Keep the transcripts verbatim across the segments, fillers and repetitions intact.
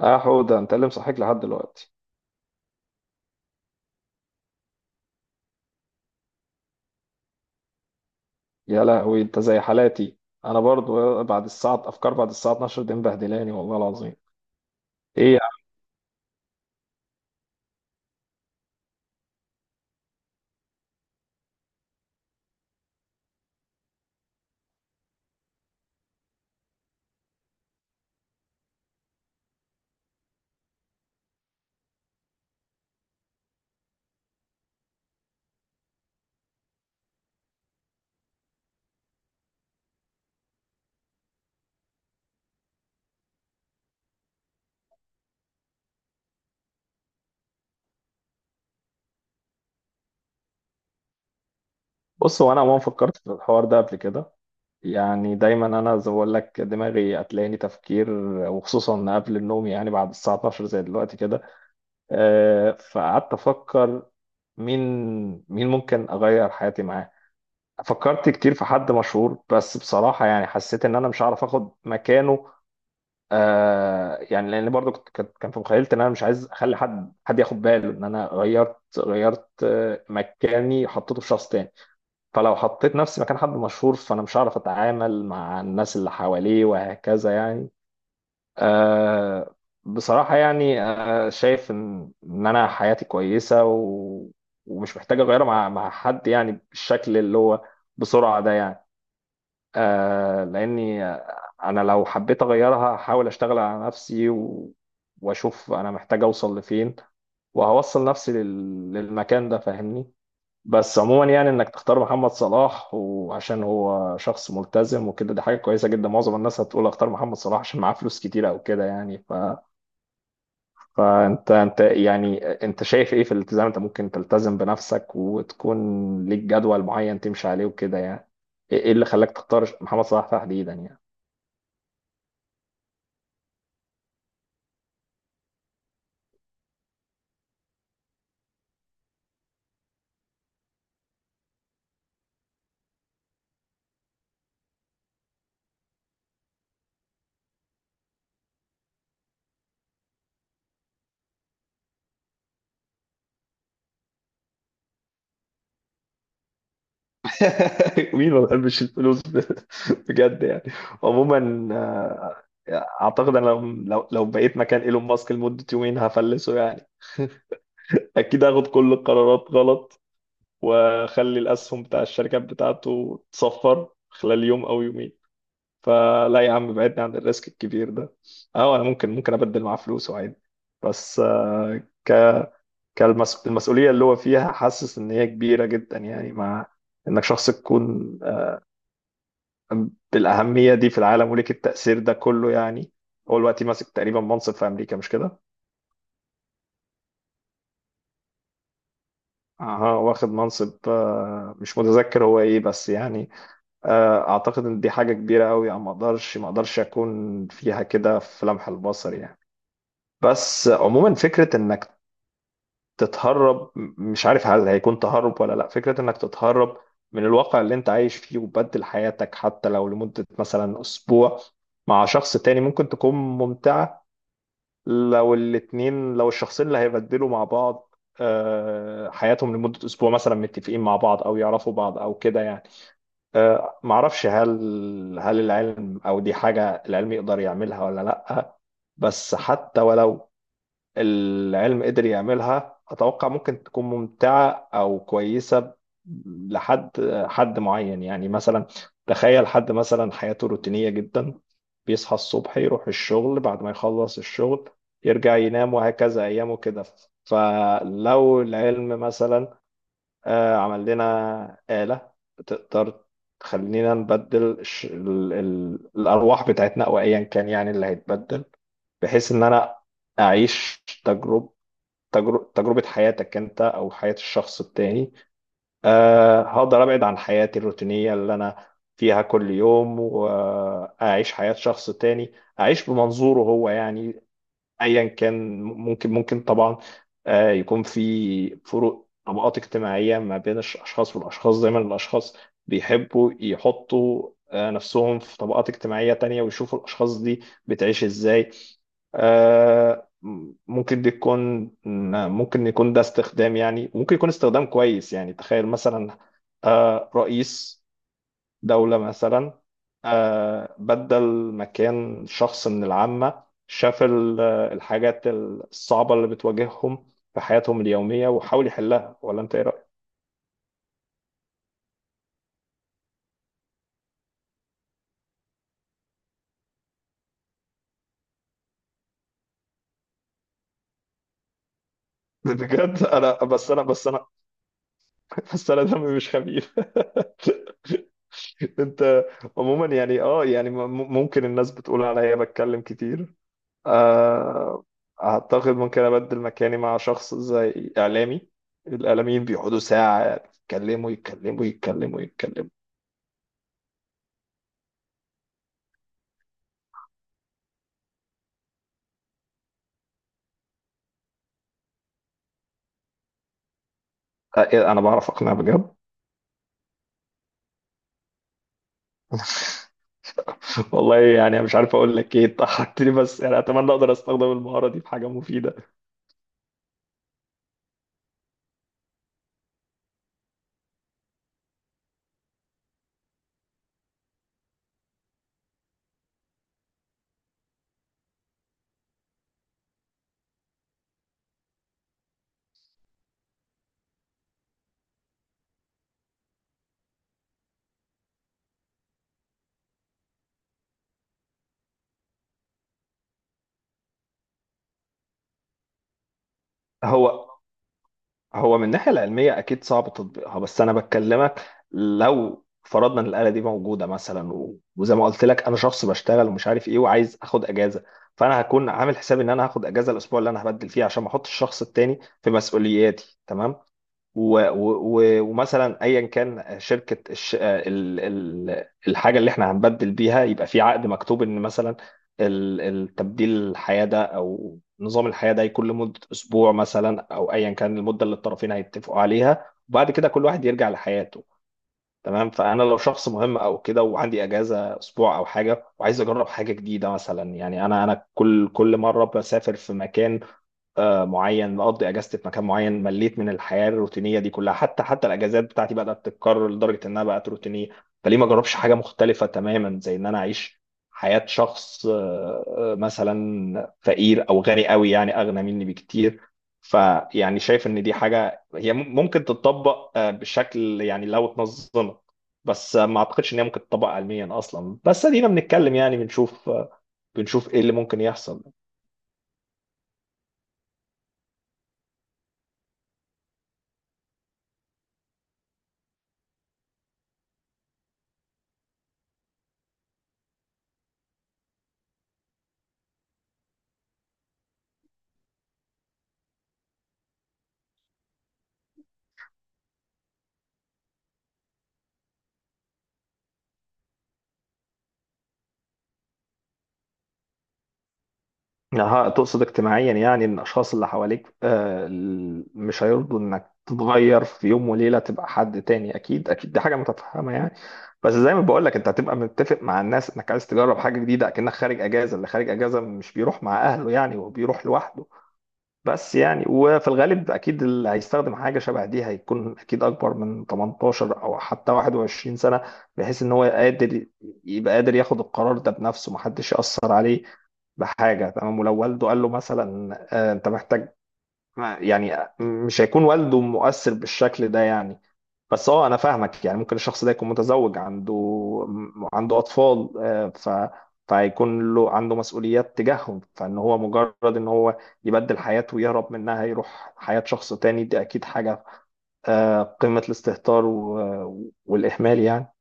اه حوده، انت اللي مصحيك لحد دلوقتي؟ يا لهوي، انت زي حالاتي. انا برضو بعد الساعه افكار بعد الساعه اثنا عشر دي مبهدلاني والله العظيم. ايه يا عم؟ بص، هو انا عموما فكرت في الحوار ده قبل كده. يعني دايما انا زي ما بقول لك، دماغي هتلاقيني تفكير، وخصوصا قبل النوم، يعني بعد الساعه اثنا عشر زي دلوقتي كده. آه فقعدت افكر. مين مين ممكن اغير حياتي معاه؟ فكرت كتير في حد مشهور، بس بصراحه يعني حسيت ان انا مش هعرف اخد مكانه. آه يعني لان برضو كنت- كان كان في مخيلتي ان انا مش عايز اخلي حد حد ياخد باله ان انا غيرت غيرت آه، مكاني حطيته في شخص تاني. فلو حطيت نفسي مكان حد مشهور، فانا مش هعرف اتعامل مع الناس اللي حواليه وهكذا يعني. آه بصراحة يعني، آه شايف ان ان انا حياتي كويسة، و ومش محتاج اغيرها مع مع حد، يعني بالشكل اللي هو بسرعة ده يعني. آه لاني انا لو حبيت اغيرها هحاول اشتغل على نفسي، و... واشوف انا محتاج اوصل لفين، وهوصل نفسي لل... للمكان ده، فاهمني؟ بس عموما يعني، انك تختار محمد صلاح وعشان هو شخص ملتزم وكده، دي حاجة كويسة جدا. معظم الناس هتقول اختار محمد صلاح عشان معاه فلوس كتير او كده يعني. ف... فانت انت يعني، انت شايف ايه في الالتزام؟ انت ممكن تلتزم بنفسك وتكون ليك جدول معين تمشي عليه وكده يعني. ايه إيه اللي خلاك تختار محمد صلاح تحديدا يعني؟ مين ما بيحبش الفلوس ب- بجد يعني. عموما، آه، اعتقد انا لو لو لو بقيت مكان ايلون ماسك لمدة يومين هفلسه يعني. اكيد هاخد كل القرارات غلط، واخلي الاسهم بتاع الشركات بتاعته تصفر خلال يوم او يومين. فلا يا عم، بعدني عن الريسك الكبير ده. اه، انا ممكن ممكن ابدل معاه فلوسه عادي. بس آه، ك- كالمس- المسؤوليه اللي هو فيها حاسس ان هي كبيره جدا، يعني مع انك شخص تكون بالأهمية دي في العالم وليك التأثير ده كله يعني. هو دلوقتي ماسك تقريبا منصب في أمريكا، مش كده؟ أها، واخد منصب، آه، مش متذكر هو إيه، بس يعني آه، أعتقد إن دي حاجة كبيرة أوي يعني. ما أقدرش ما أقدرش أكون فيها كده في لمح البصر يعني. بس عموما، فكرة إنك تتهرب م- مش عارف هل هيكون تهرب ولا لأ، فكرة إنك تتهرب من الواقع اللي أنت عايش فيه وتبدل حياتك حتى لو لمدة مثلا أسبوع مع شخص تاني ممكن تكون ممتعة. لو الاتنين لو الشخصين اللي هيبدلوا مع بعض آه، حياتهم لمدة أسبوع مثلا متفقين مع بعض أو يعرفوا بعض أو كده يعني. آه، معرفش هل، هل العلم أو دي حاجة العلم يقدر يعملها ولا لأ. بس حتى ولو العلم قدر يعملها، أتوقع ممكن تكون ممتعة أو كويسة لحد، حد معين يعني. مثلا تخيل حد مثلا حياته روتينية جدا، بيصحى الصبح يروح الشغل، بعد ما يخلص الشغل يرجع ينام، وهكذا أيامه كده. فلو العلم مثلا آه، عمل لنا آلة تقدر تخلينا نبدل الش- ال- ال- الأرواح بتاعتنا أو أيا كان يعني اللي هيتبدل، بحيث إن أنا أعيش تجربة، تجر- تجربة حياتك انت او حياة الشخص التاني. أه هقدر ابعد عن حياتي الروتينية اللي انا فيها كل يوم، واعيش حياة شخص تاني، اعيش بمنظوره هو يعني. ايا كان. ممكن ممكن طبعا آه، يكون في فروق طبقات اجتماعيه ما بين الاشخاص والاشخاص. دايما الاشخاص بيحبوا يحطوا آه، نفسهم في طبقات اجتماعيه تانية ويشوفوا الاشخاص دي بتعيش ازاي. آه، ممكن دي تكون، ممكن يكون ده استخدام يعني، ممكن يكون استخدام كويس يعني. تخيل مثلا آه، رئيس دولة مثلا آه، بدل مكان شخص من العامة، شاف ال- الحاجات الصعبة اللي بتواجههم في حياتهم اليومية وحاول يحلها. ولا انت ايه رأيك؟ بجد، انا بس انا بس انا بس انا دمي مش خفيف. انت عموما يعني، اه يعني م- م- ممكن الناس بتقول عليا بتكلم كتير. آه، اعتقد ممكن ابدل مكاني مع شخص زي اعلامي. الاعلاميين بيقعدوا ساعة يتكلموا يتكلموا يتكلموا يتكلموا. آه، إيه، انا بعرف اقنع بجد. والله يعني مش عارف اقول لك ايه، انت حركتني، بس يعني اتمنى اقدر استخدم المهاره دي في حاجه مفيده. هو هو من الناحيه العلميه اكيد صعب تطبيقها، بس انا بكلمك لو فرضنا ان الاله دي موجوده مثلا، و- وزي ما قلت لك انا شخص بشتغل ومش عارف ايه وعايز اخد اجازه. فانا هكون عامل حسابي ان انا هاخد اجازه الاسبوع اللي انا هبدل فيه، عشان ما احطش الشخص التاني في مسؤولياتي، تمام؟ و- و- و- ومثلا ايا كان شركه الش... ال... ال... الحاجه اللي احنا هنبدل بيها يبقى في عقد مكتوب، ان مثلا ال- التبديل الحياه ده او نظام الحياه ده يكون لمده اسبوع مثلا، او ايا كان المده اللي الطرفين هيتفقوا عليها، وبعد كده كل واحد يرجع لحياته. تمام؟ فانا لو شخص مهم او كده وعندي اجازه اسبوع او حاجه، وعايز اجرب حاجه جديده مثلا، يعني انا انا كل كل مره بسافر في مكان آه، معين، بقضي اجازتي في مكان معين، مليت من الحياه الروتينيه دي كلها. حتى حتى الاجازات بتاعتي بدات تتكرر لدرجه انها بقت روتينيه. فليه ما اجربش حاجه مختلفه تماما، زي ان انا اعيش حياه شخص آه، آه، مثلا فقير او غني قوي، يعني اغنى مني بكتير. فيعني شايف ان دي حاجه هي مم- ممكن تتطبق آه، بشكل يعني لو اتنظمت. بس آه، ما اعتقدش ان هي ممكن تتطبق علميا اصلا، بس ادينا بنتكلم يعني، بنشوف آه، بنشوف ايه اللي ممكن يحصل. أها، تقصد اجتماعيا يعني ان الاشخاص اللي حواليك، آه، ال- مش هيرضوا انك تتغير في يوم وليله تبقى حد تاني. اكيد اكيد، دي حاجه متفهمه يعني. بس زي ما بقول لك، انت هتبقى متفق مع الناس انك عايز تجرب حاجه جديده، اكنك خارج اجازه، اللي خارج اجازه مش بيروح مع اهله يعني، هو بيروح لوحده. بس يعني وفي الغالب، اكيد اللي هيستخدم حاجه شبه دي هيكون اكيد اكبر من ثمانية عشر او حتى واحد وعشرين سنه، بحيث ان هو قادر، يبقى قادر ياخد القرار ده بنفسه، محدش ياثر عليه بحاجة. تمام؟ ولو والده قال له مثلا آه، انت محتاج يعني، مش هيكون والده مؤثر بالشكل ده يعني. بس اه، انا فاهمك، يعني ممكن الشخص ده يكون متزوج، عنده عنده اطفال، آه، ف فهيكون له عنده مسؤوليات تجاههم، فان هو مجرد ان هو يبدل حياته ويهرب منها يروح حياة شخص تاني، دي اكيد حاجة آه، قمة الاستهتار و- والاهمال يعني.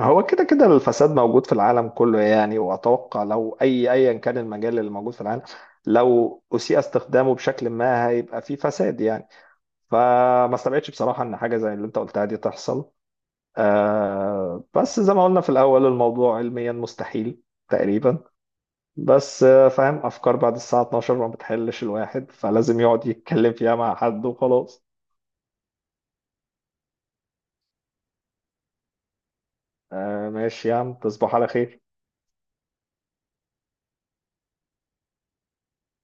هو كده كده الفساد موجود في العالم كله يعني، واتوقع لو اي ايا كان المجال اللي موجود في العالم، لو اسيء استخدامه بشكل ما، هيبقى فيه فساد يعني. فما استبعدش بصراحة ان حاجة زي اللي انت قلتها دي تحصل. آه بس زي ما قلنا في الاول، الموضوع علميا مستحيل تقريبا. بس آه فاهم، افكار بعد الساعة اتناشر ما بتحلش الواحد، فلازم يقعد يتكلم فيها مع حد وخلاص. آه ماشي يا عم، تصبح على خير.